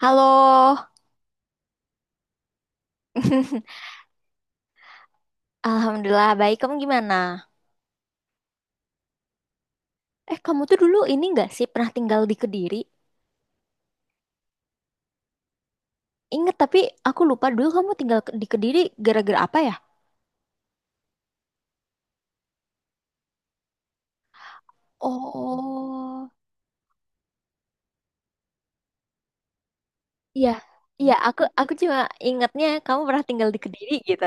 Halo, Alhamdulillah baik. Kamu gimana? Eh, kamu tuh dulu ini nggak sih pernah tinggal di Kediri? Ingat tapi aku lupa dulu kamu tinggal di Kediri gara-gara apa ya? Oh, iya, iya. Aku cuma ingatnya kamu pernah tinggal di Kediri gitu.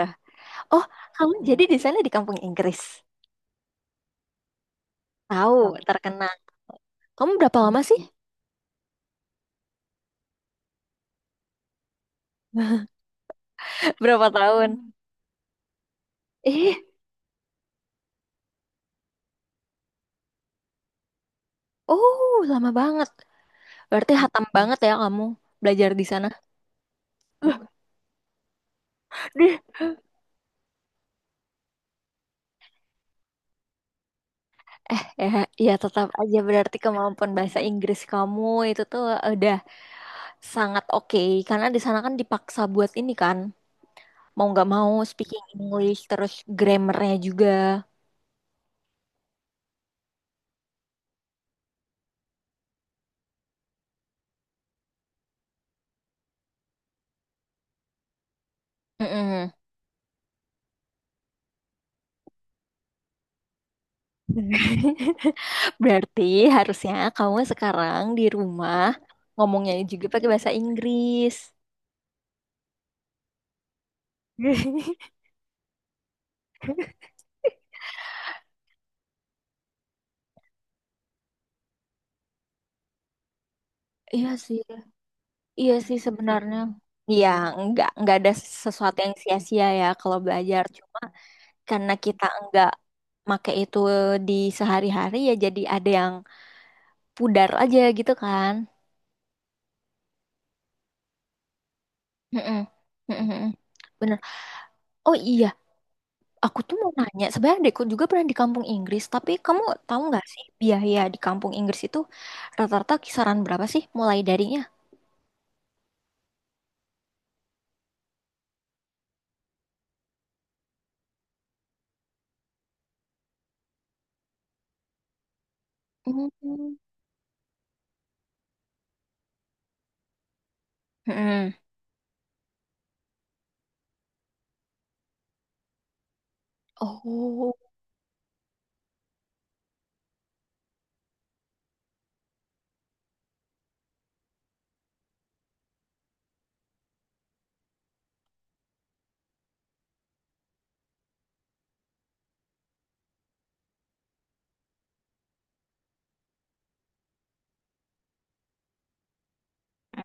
Oh, kamu jadi di sana di kampung Inggris. Tahu, terkenal. Kamu berapa lama sih? Berapa tahun? Eh, oh, lama banget. Berarti hatam banget ya kamu belajar di sana. Ya, ya tetap aja berarti kemampuan bahasa Inggris kamu itu tuh udah sangat oke karena di sana kan dipaksa buat ini kan mau nggak mau speaking English terus grammarnya juga. Mm-mm. Berarti harusnya kamu sekarang di rumah ngomongnya juga pakai bahasa Inggris. Iya sih, iya sih sebenarnya. Iya, nggak ada sesuatu yang sia-sia ya kalau belajar. Karena kita enggak make itu di sehari-hari ya jadi ada yang pudar aja gitu kan. Mm-mm. Mm-mm. Bener. Oh iya, aku tuh mau nanya. Sebenarnya adekku juga pernah di kampung Inggris, tapi kamu tahu nggak sih biaya di kampung Inggris itu rata-rata kisaran berapa sih mulai darinya? Mm. Mm-mm. Oh.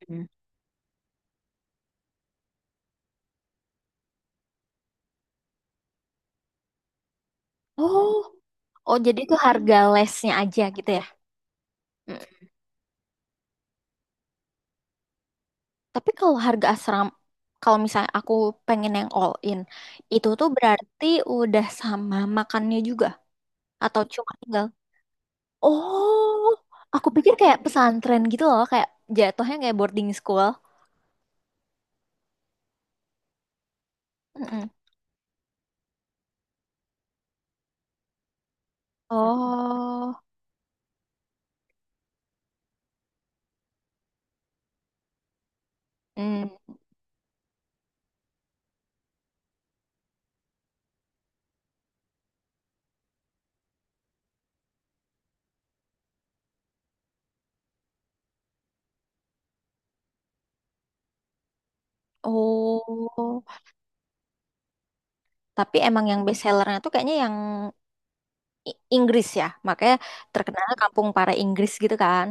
Mm. Oh, oh, jadi itu harga lesnya aja gitu ya? Tapi kalau harga asrama, kalau misalnya aku pengen yang all in, itu tuh berarti udah sama makannya juga atau cuma tinggal? Oh, aku pikir kayak pesantren gitu loh, kayak jatuhnya kayak boarding school. Mm-mm. Oh, mm. Oh, tapi emang yang best sellernya tuh kayaknya yang Inggris ya, makanya terkenal kampung para Inggris gitu kan.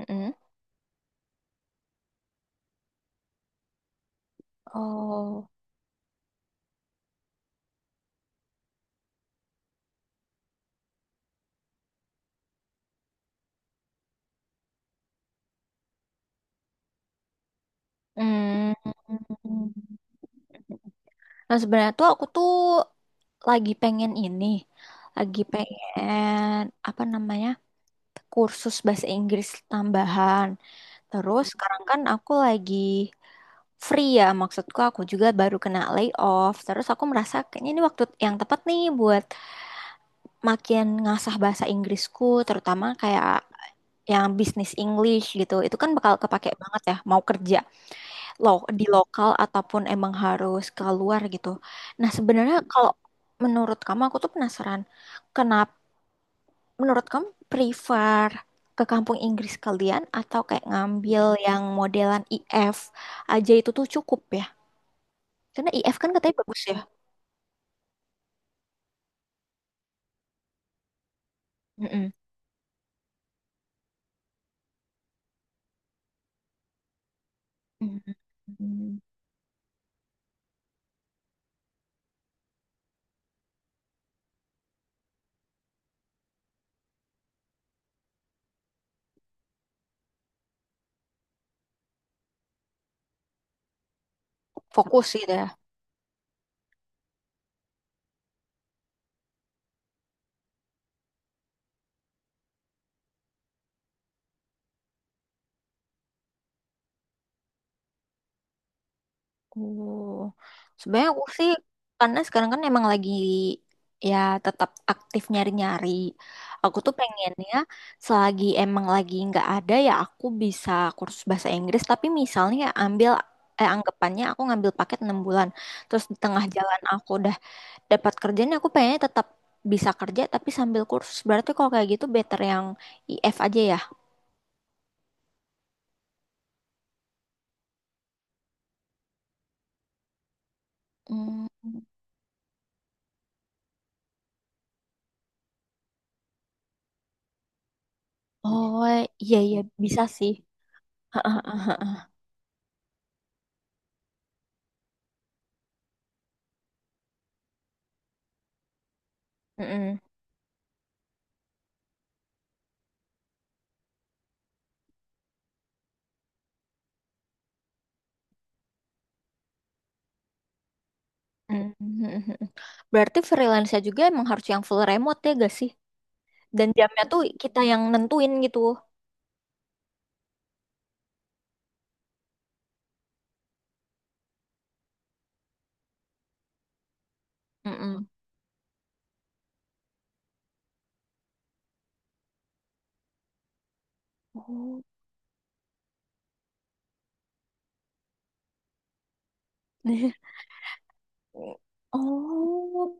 Mm-mm. Oh. Hmm. Nah, sebenarnya tuh aku tuh lagi pengen ini, lagi pengen apa namanya kursus bahasa Inggris tambahan. Terus sekarang kan aku lagi free ya, maksudku aku juga baru kena layoff. Terus aku merasa kayaknya ini waktu yang tepat nih buat makin ngasah bahasa Inggrisku, terutama kayak yang bisnis English gitu. Itu kan bakal kepake banget ya, mau kerja lo di lokal ataupun emang harus keluar gitu. Nah, sebenarnya kalau menurut kamu aku tuh penasaran, kenapa menurut kamu prefer ke kampung Inggris kalian atau kayak ngambil yang modelan IF aja itu tuh cukup ya? Karena IF kan katanya bagus ya. Mm-mm. Mm. Fokus gitu ya. Oh, sebenarnya aku sih karena sekarang kan emang lagi ya tetap aktif nyari-nyari. Aku tuh pengennya selagi emang lagi nggak ada ya aku bisa kursus bahasa Inggris. Tapi misalnya ya, anggapannya aku ngambil paket 6 bulan. Terus di tengah jalan aku udah dapat kerjaan aku pengennya tetap bisa kerja tapi sambil kursus. Berarti kalau kayak gitu better yang IF aja ya. Hmm. Oh, iya, iya, bisa sih. Heeh. Mm-mm. Mhm. Berarti freelance juga emang harus yang full remote ya gak sih? Dan jamnya tuh kita yang nentuin gitu. Mm-mm. Oh. Oh.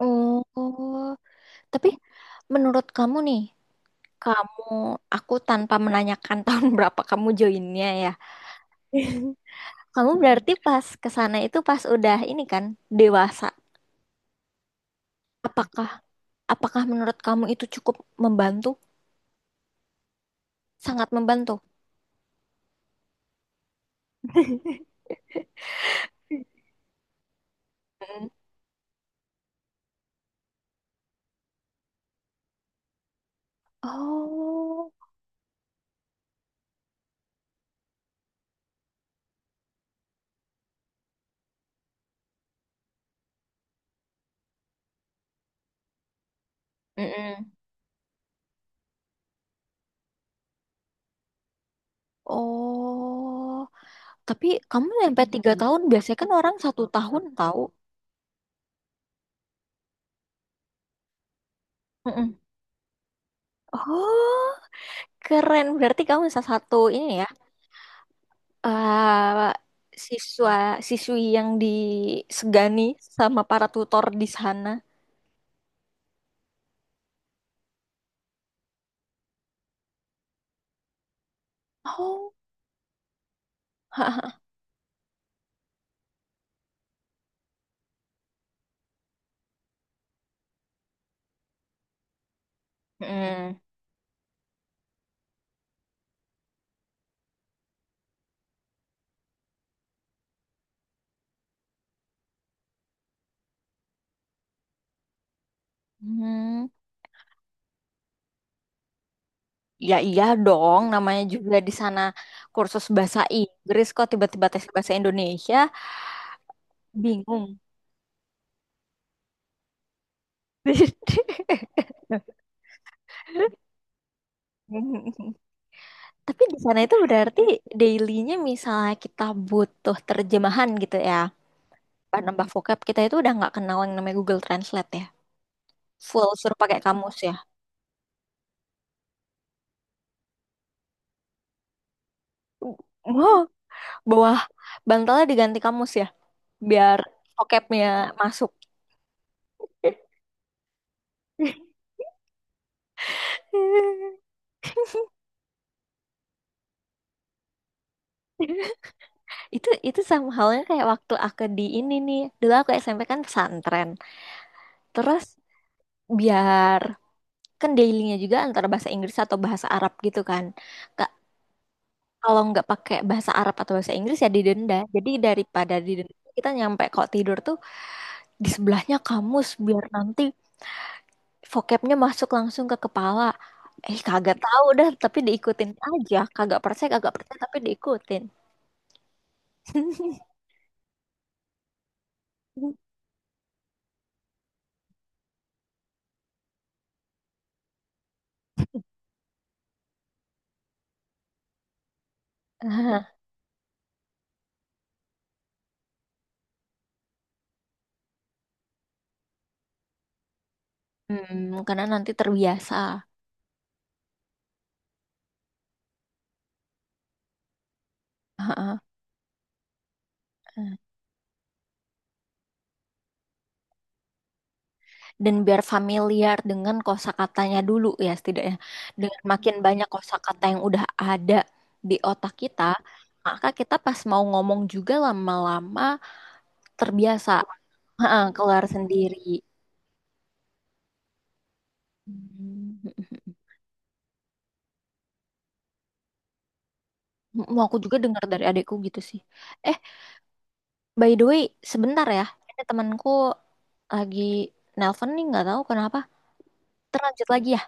Oh. Tapi menurut kamu nih, kamu aku tanpa menanyakan tahun berapa kamu joinnya ya. Kamu berarti pas ke sana itu pas udah ini kan dewasa. Apakah apakah menurut kamu itu cukup membantu? Sangat membantu. Mm. Oh. Mm-mm. Oh, tapi kamu sampai 3 tahun biasanya kan orang 1 tahun tahu. Mm-mm. Oh, keren. Berarti kamu salah satu ini ya, eh, siswa siswi yang disegani sama para tutor di sana. Oh. Mm-mm. Hmm, ya iya dong. Namanya juga di sana kursus bahasa Inggris kok tiba-tiba tes bahasa Indonesia, bingung. Tapi di sana itu berarti dailynya misalnya kita butuh terjemahan gitu ya. Bahan nambah vocab kita itu udah nggak kenal yang namanya Google Translate ya. Full suruh pakai kamus ya. Wow, bawah bantalnya diganti kamus ya. Biar vocabnya masuk. Itu sama halnya kayak waktu aku di ini nih. Dulu aku SMP kan pesantren. Terus biar kan dailynya juga antara bahasa Inggris atau bahasa Arab gitu kan. Ke kalau nggak pakai bahasa Arab atau bahasa Inggris ya didenda. Jadi daripada didenda kita nyampe kok tidur tuh di sebelahnya kamus biar nanti vocabnya masuk langsung ke kepala. Eh kagak tahu dah tapi diikutin aja. Kagak percaya tapi diikutin. Hmm, karena nanti terbiasa. Dan biar familiar dengan kosakatanya dulu ya setidaknya. Dengan makin banyak kosakata yang udah ada di otak kita, maka kita pas mau ngomong juga lama-lama terbiasa. Heeh, keluar sendiri. Hmm. Mm, aku juga dengar dari adekku gitu sih. Eh, by the way, sebentar ya. Ada temanku lagi nelpon nih, nggak tahu kenapa. Terlanjut lagi ya.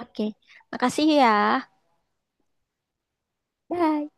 Oke, makasih ya. Bye.